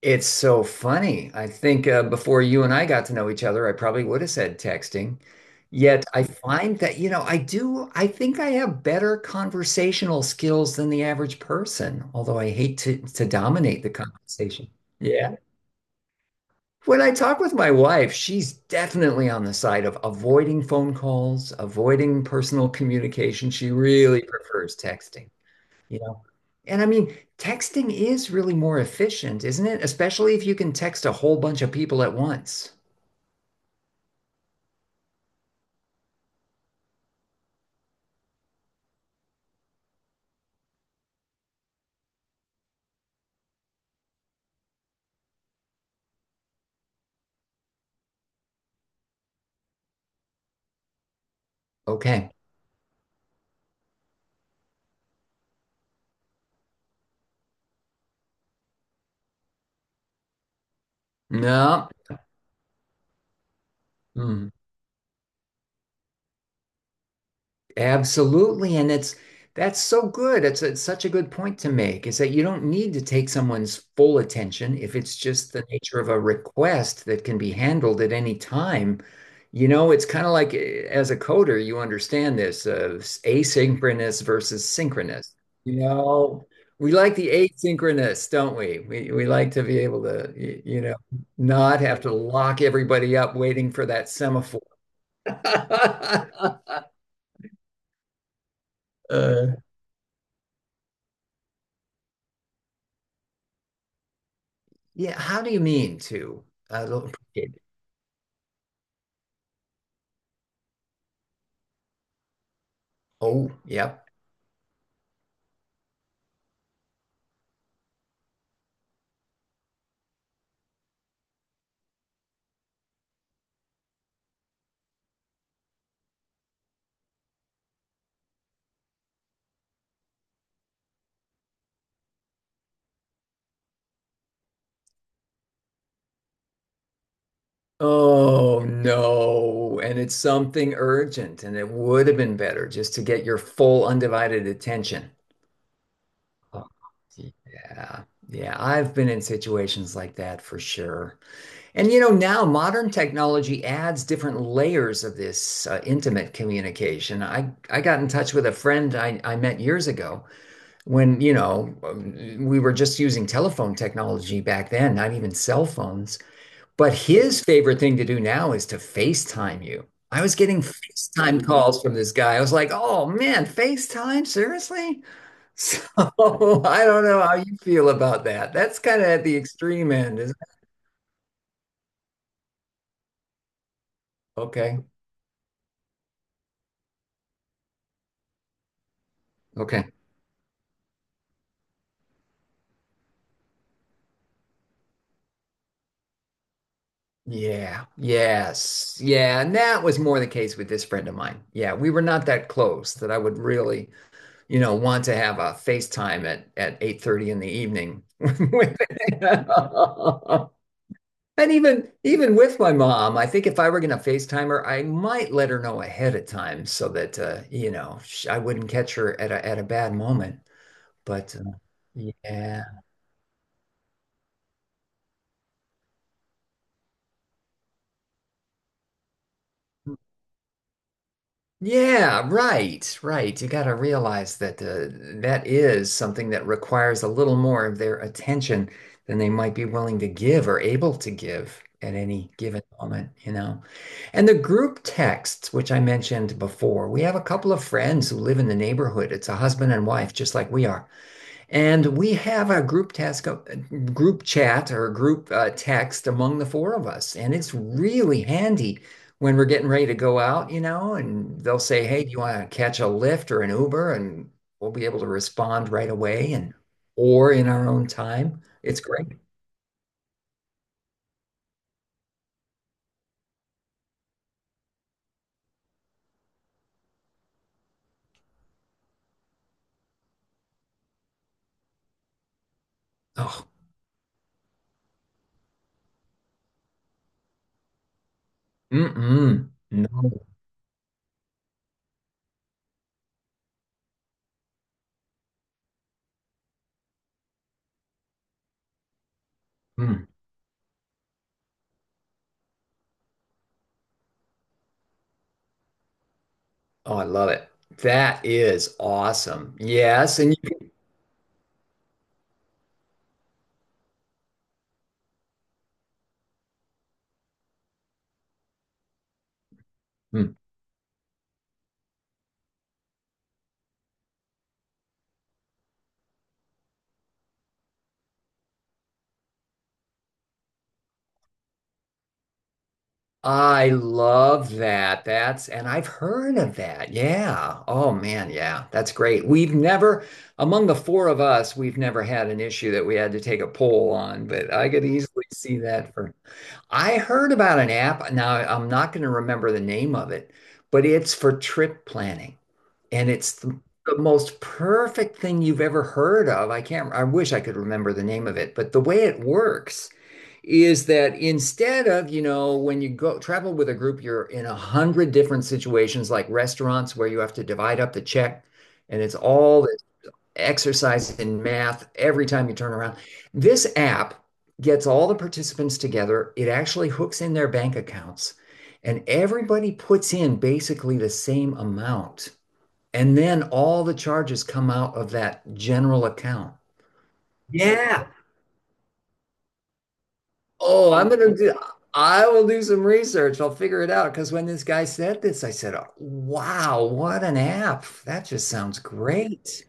It's so funny. I think before you and I got to know each other, I probably would have said texting. Yet I find that, I think I have better conversational skills than the average person, although I hate to dominate the conversation. Yeah. When I talk with my wife, she's definitely on the side of avoiding phone calls, avoiding personal communication. She really prefers texting. And I mean, texting is really more efficient, isn't it? Especially if you can text a whole bunch of people at once. Okay. No. Hmm. Absolutely. And it's that's so good. It's such a good point to make is that you don't need to take someone's full attention if it's just the nature of a request that can be handled at any time. It's kind of like as a coder, you understand this asynchronous versus synchronous. You know, we like the asynchronous, don't we? We like to be able to, not have to lock everybody up waiting for that semaphore. Uh, Yeah, how do you mean to? I don't appreciate it. Oh, yep. Oh no. And it's something urgent, and it would have been better just to get your full undivided attention. Oh, yeah. Yeah, I've been in situations like that for sure. And now modern technology adds different layers of this intimate communication. I got in touch with a friend I met years ago. When we were just using telephone technology back then, not even cell phones. But his favorite thing to do now is to FaceTime you. I was getting FaceTime calls from this guy. I was like, oh man, FaceTime? Seriously? So I don't know how you feel about that. That's kind of at the extreme end, isn't it? Okay. Okay. Yeah. Yes. Yeah. And that was more the case with this friend of mine. Yeah. We were not that close that I would really want to have a FaceTime at 8:30 in the evening. And even with my mom, I think if I were going to FaceTime her, I might let her know ahead of time so that I wouldn't catch her at a bad moment. But yeah. Yeah, right, right. You got to realize that that is something that requires a little more of their attention than they might be willing to give or able to give at any given moment. And the group texts, which I mentioned before, we have a couple of friends who live in the neighborhood. It's a husband and wife, just like we are. And we have a group chat or a group text among the four of us. And it's really handy when we're getting ready to go out, and they'll say, "Hey, do you want to catch a Lyft or an Uber?" And we'll be able to respond right away and or in our own time. It's great. Oh, mm-mm. No. Mm. Oh, I love it. That is awesome. Yes. You, I love that. And I've heard of that. Yeah. Oh man, yeah. That's great. We've never, Among the four of us, we've never had an issue that we had to take a poll on, but I could easily see that for. I heard about an app. Now, I'm not going to remember the name of it, but it's for trip planning. And it's the most perfect thing you've ever heard of. I can't, I wish I could remember the name of it, but the way it works is that instead of, when you go travel with a group, you're in a hundred different situations like restaurants where you have to divide up the check and it's all this exercise in math every time you turn around. This app gets all the participants together. It actually hooks in their bank accounts and everybody puts in basically the same amount. And then all the charges come out of that general account. Yeah. Oh, I'm Um, gonna do, I will do some research. I'll figure it out. Because when this guy said this, I said, oh, wow, what an app. That just sounds great.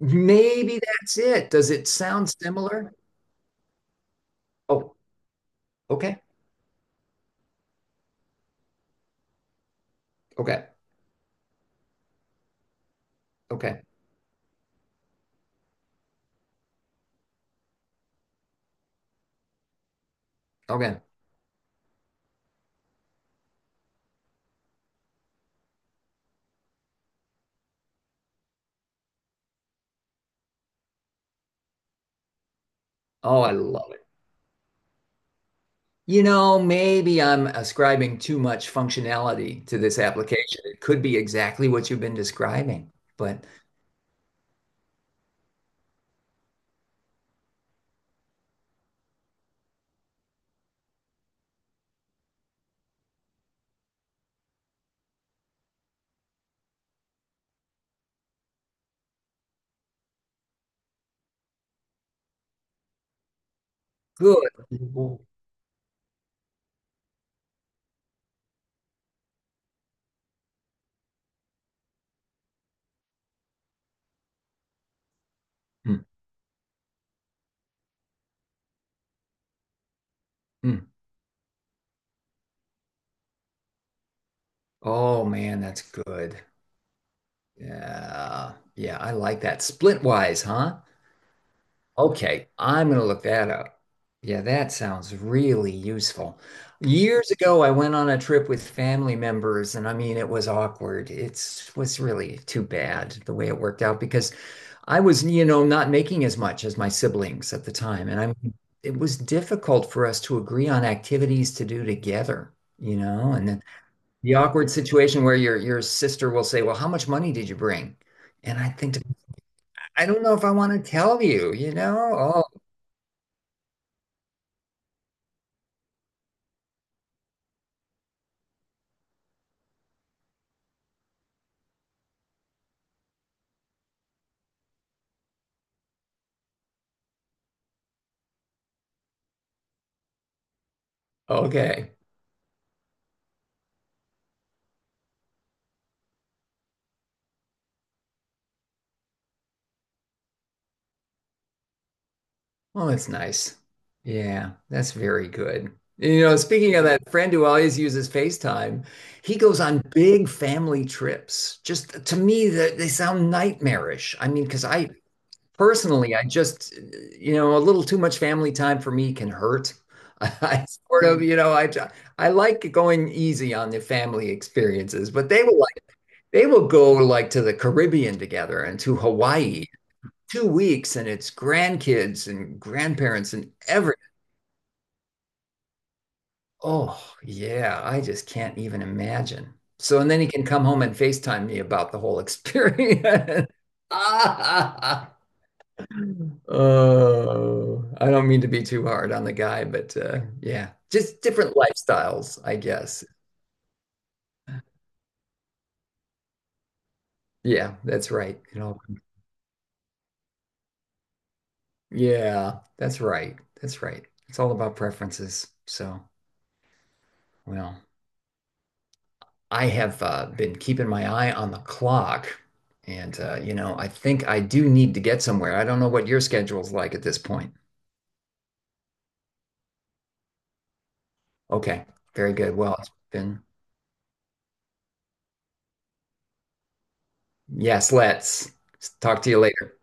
Maybe that's it. Does it sound similar? Oh, okay. Okay. Okay. Okay. Oh, I love it. Maybe I'm ascribing too much functionality to this application. It could be exactly what you've been describing, but good. Mm, mm. Oh man, that's good. Yeah, yeah, I like that. Splitwise, huh? Okay, I'm gonna look that up. Yeah, that sounds really useful. Years ago, I went on a trip with family members, and I mean, it was awkward. It was really too bad the way it worked out because I was, not making as much as my siblings at the time, and I mean, it was difficult for us to agree on activities to do together, and the awkward situation where your sister will say, "Well, how much money did you bring?" And I think to, I don't know if I want to tell you, you know? Oh, okay. Well, that's nice. Yeah, that's very good. Speaking of that friend who always uses FaceTime, he goes on big family trips. Just to me, that they sound nightmarish. I mean, because I Personally, I just, a little too much family time for me can hurt. I sort of, I like going easy on the family experiences, but they will go like to the Caribbean together and to Hawaii 2 weeks, and it's grandkids and grandparents and everything. Oh yeah, I just can't even imagine. So and then he can come home and FaceTime me about the whole experience. Ah. Oh, I don't mean to be too hard on the guy, but yeah, just different lifestyles, I guess. Yeah, that's right. Yeah, that's right. That's right. It's all about preferences. So, well, I have been keeping my eye on the clock, and I think I do need to get somewhere. I don't know what your schedule's like at this point. Okay, very good. Yes, let's talk to you later.